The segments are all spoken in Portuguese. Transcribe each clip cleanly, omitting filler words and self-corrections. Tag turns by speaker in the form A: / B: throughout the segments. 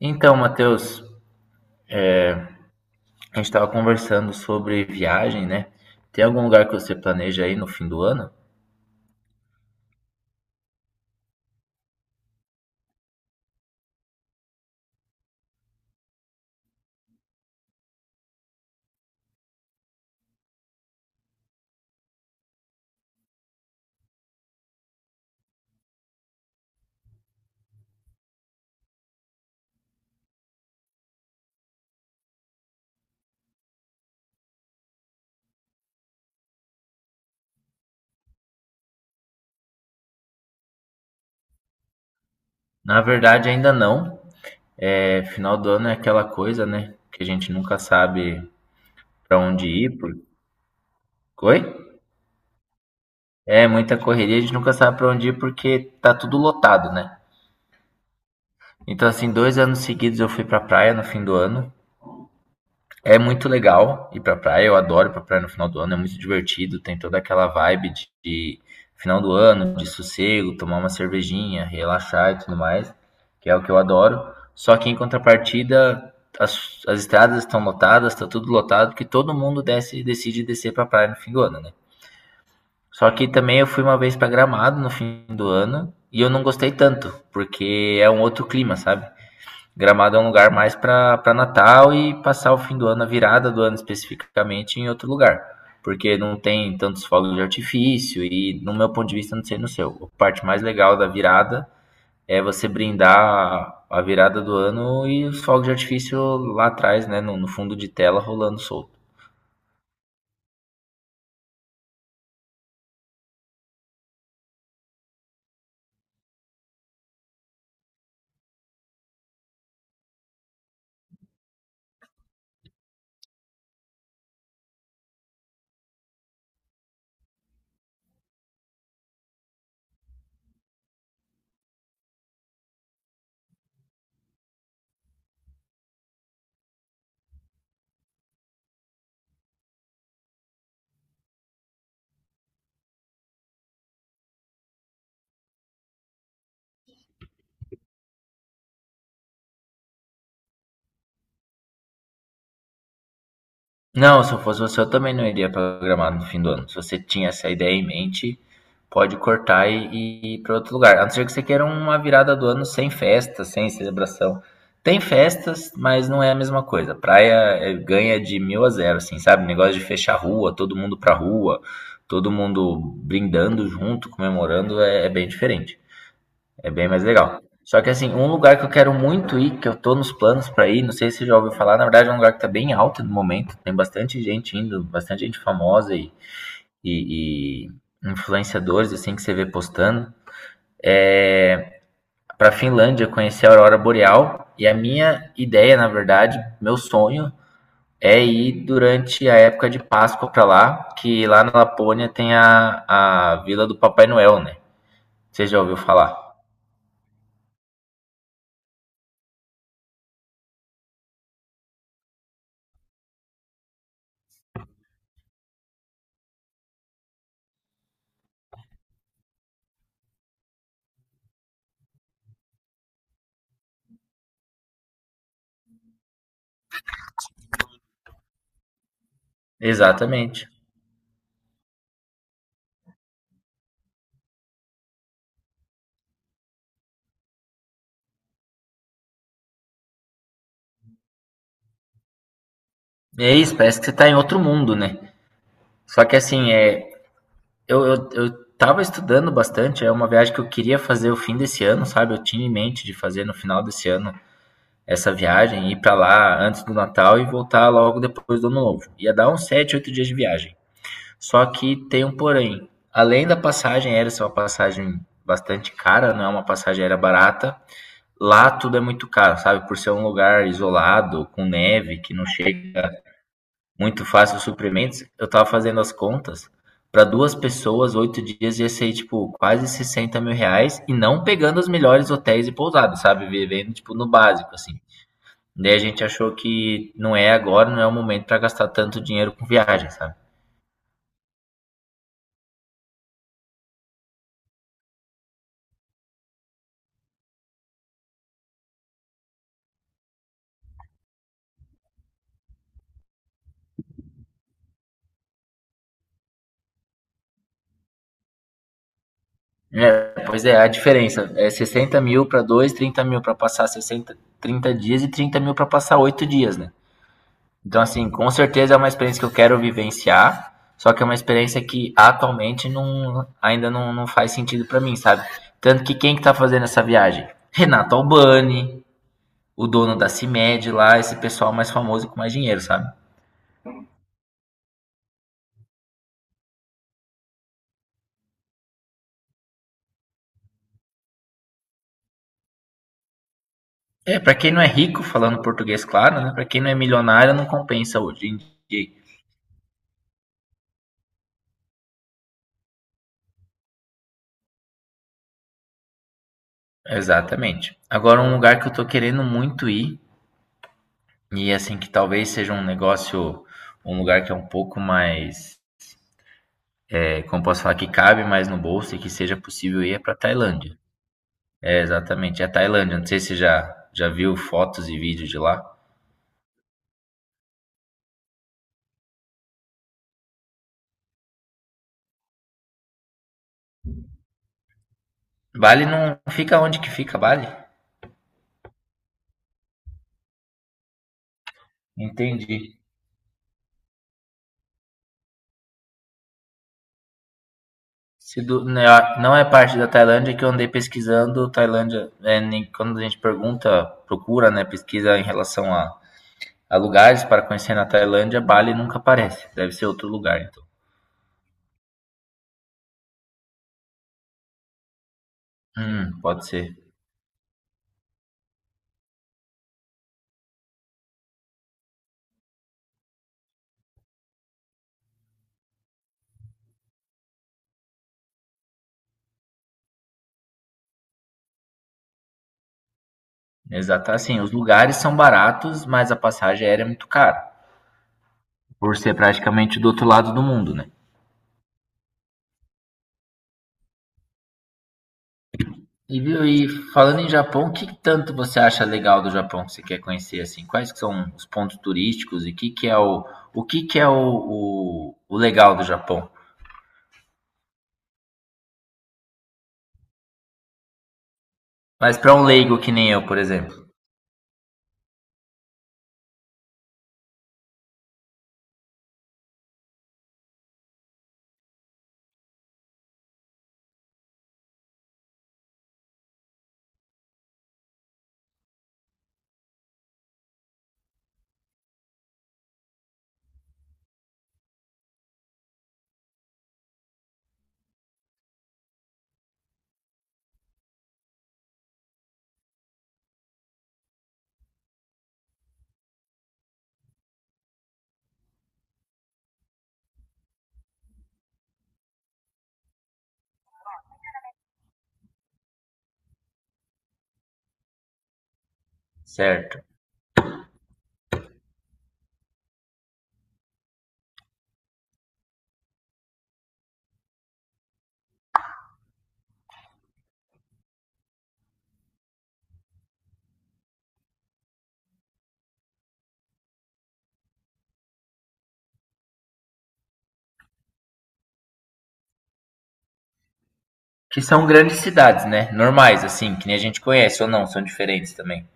A: Então, Matheus, a gente estava conversando sobre viagem, né? Tem algum lugar que você planeja aí no fim do ano? Na verdade, ainda não. É, final do ano é aquela coisa, né? Que a gente nunca sabe para onde ir. Por... Oi? É muita correria, a gente nunca sabe para onde ir porque tá tudo lotado, né? Então, assim, 2 anos seguidos eu fui pra praia no fim do ano. É muito legal ir pra praia, eu adoro ir pra praia no final do ano, é muito divertido, tem toda aquela vibe de final do ano, de sossego, tomar uma cervejinha, relaxar e tudo mais, que é o que eu adoro. Só que em contrapartida, as estradas estão lotadas, tá tudo lotado, porque todo mundo desce, decide descer pra praia no fim do ano, né? Só que também eu fui uma vez pra Gramado no fim do ano e eu não gostei tanto, porque é um outro clima, sabe? Gramado é um lugar mais para Natal e passar o fim do ano, a virada do ano especificamente, em outro lugar. Porque não tem tantos fogos de artifício e, no meu ponto de vista, não sei no seu. A parte mais legal da virada é você brindar virada do ano e os fogos de artifício lá atrás, né, no fundo de tela, rolando solto. Não, se eu fosse você, eu também não iria programar no fim do ano. Se você tinha essa ideia em mente, pode cortar e ir para outro lugar. A não ser que você queira uma virada do ano sem festa, sem celebração. Tem festas, mas não é a mesma coisa. Praia é, ganha de mil a zero, assim, sabe? Negócio de fechar a rua, todo mundo pra rua, todo mundo brindando junto, comemorando, é, é bem diferente. É bem mais legal. Só que assim, um lugar que eu quero muito ir, que eu tô nos planos pra ir, não sei se você já ouviu falar, na verdade é um lugar que tá bem alto no momento, tem bastante gente indo, bastante gente famosa e, e influenciadores assim que você vê postando. É pra Finlândia conhecer a aurora boreal e a minha ideia, na verdade, meu sonho é ir durante a época de Páscoa pra lá, que lá na Lapônia tem a Vila do Papai Noel, né? Você já ouviu falar? Exatamente. É isso, parece que você tá em outro mundo, né? Só que assim, é, eu tava estudando bastante, é uma viagem que eu queria fazer o fim desse ano, sabe? Eu tinha em mente de fazer no final desse ano essa viagem, ir pra lá antes do Natal e voltar logo depois do Ano Novo. Ia dar uns 7, 8 dias de viagem. Só que tem um porém. Além da passagem aérea ser uma passagem bastante cara, não é uma passagem aérea barata, lá tudo é muito caro, sabe? Por ser um lugar isolado, com neve, que não chega muito fácil os suprimentos. Eu tava fazendo as contas. Pra 2 pessoas, 8 dias ia ser, tipo, quase 60.000 reais. E não pegando os melhores hotéis e pousadas, sabe? Vivendo, tipo, no básico, assim. Daí a gente achou que não é agora, não é o momento pra gastar tanto dinheiro com viagem, sabe? É, pois é, a diferença é 60.000 pra dois, 30.000 pra passar 60, 30 dias e 30.000 pra passar 8 dias, né? Então, assim, com certeza é uma experiência que eu quero vivenciar, só que é uma experiência que atualmente não, ainda não, não faz sentido pra mim, sabe? Tanto que quem que tá fazendo essa viagem? Renato Albani, o dono da CIMED lá, esse pessoal mais famoso e com mais dinheiro, sabe? É, pra quem não é rico, falando português, claro, né? Pra quem não é milionário, não compensa hoje em dia. Exatamente. Agora, um lugar que eu tô querendo muito ir, e assim, que talvez seja um negócio, um lugar que é um pouco mais é, como posso falar, que cabe mais no bolso e que seja possível ir é para a Tailândia. É, exatamente, é a Tailândia. Não sei se você já, viu fotos e vídeos de lá. Bali não fica onde que fica Bali? Entendi. Se do- Né, não é parte da Tailândia que eu andei pesquisando, Tailândia, é, nem, quando a gente pergunta, procura, né, pesquisa em relação a lugares para conhecer na Tailândia, Bali nunca aparece. Deve ser outro lugar, então. Pode ser. Exato, assim, os lugares são baratos, mas a passagem aérea é muito cara, por ser praticamente do outro lado do mundo, né? E viu, e falando em Japão, o que tanto você acha legal do Japão que você quer conhecer assim? Quais que são os pontos turísticos e que é o legal do Japão? Mas para um leigo que nem eu, por exemplo, certo? Que são grandes cidades, né? Normais assim, que nem a gente conhece ou não, são diferentes também.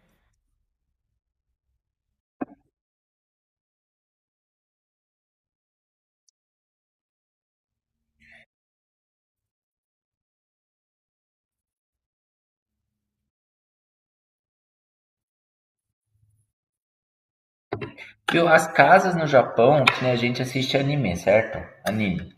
A: Viu, as casas no Japão, que nem a gente assiste anime, certo? Anime.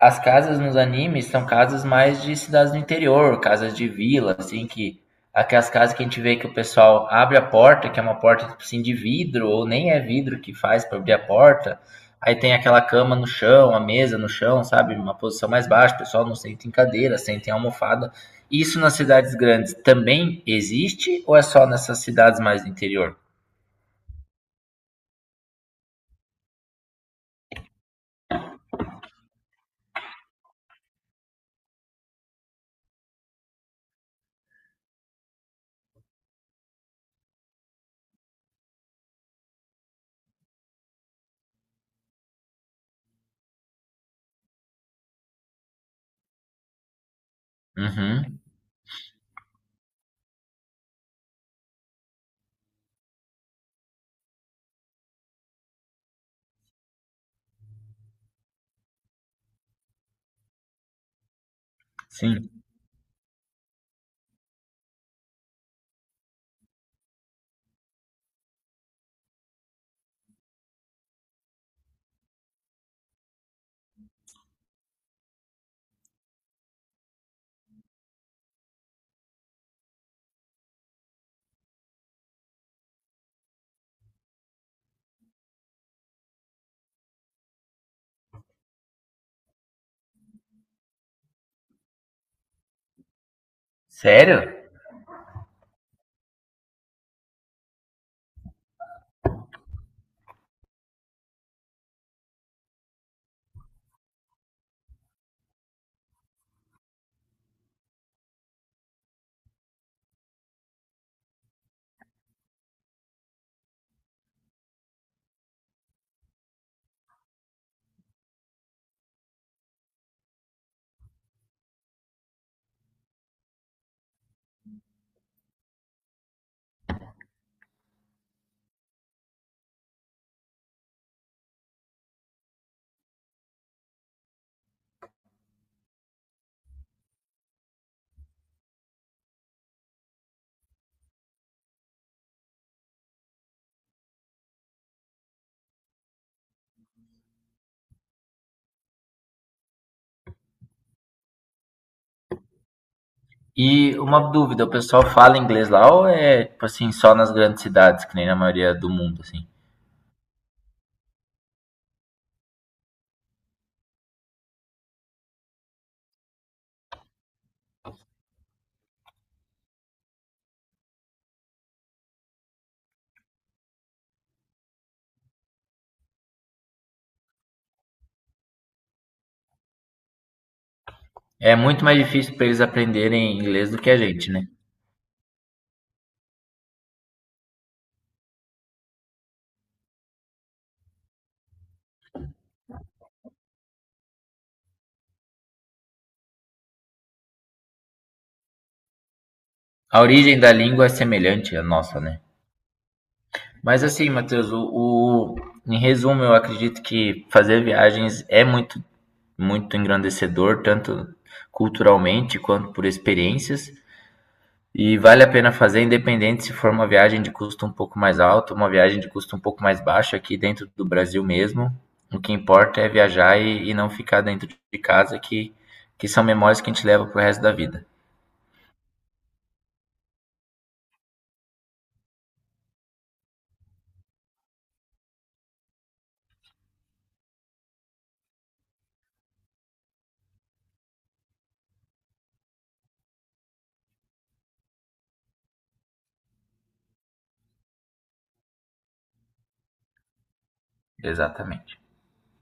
A: As casas nos animes são casas mais de cidades do interior, casas de vila, assim, que aquelas casas que a gente vê que o pessoal abre a porta, que é uma porta tipo assim de vidro, ou nem é vidro que faz para abrir a porta. Aí tem aquela cama no chão, a mesa no chão, sabe? Uma posição mais baixa, o pessoal não senta em cadeira, senta em almofada. Isso nas cidades grandes também existe ou é só nessas cidades mais do interior? Uhum, sim. Sério? E uma dúvida, o pessoal fala inglês lá ou é, tipo assim, só nas grandes cidades, que nem na maioria do mundo, assim? É muito mais difícil para eles aprenderem inglês do que a gente, né? A origem da língua é semelhante à nossa, né? Mas assim, Matheus, em resumo, eu acredito que fazer viagens é muito, muito engrandecedor, tanto culturalmente quanto por experiências. E vale a pena fazer independente se for uma viagem de custo um pouco mais alto, uma viagem de custo um pouco mais baixo aqui dentro do Brasil mesmo. O que importa é viajar e não ficar dentro de casa, que são memórias que a gente leva pro resto da vida. Exatamente.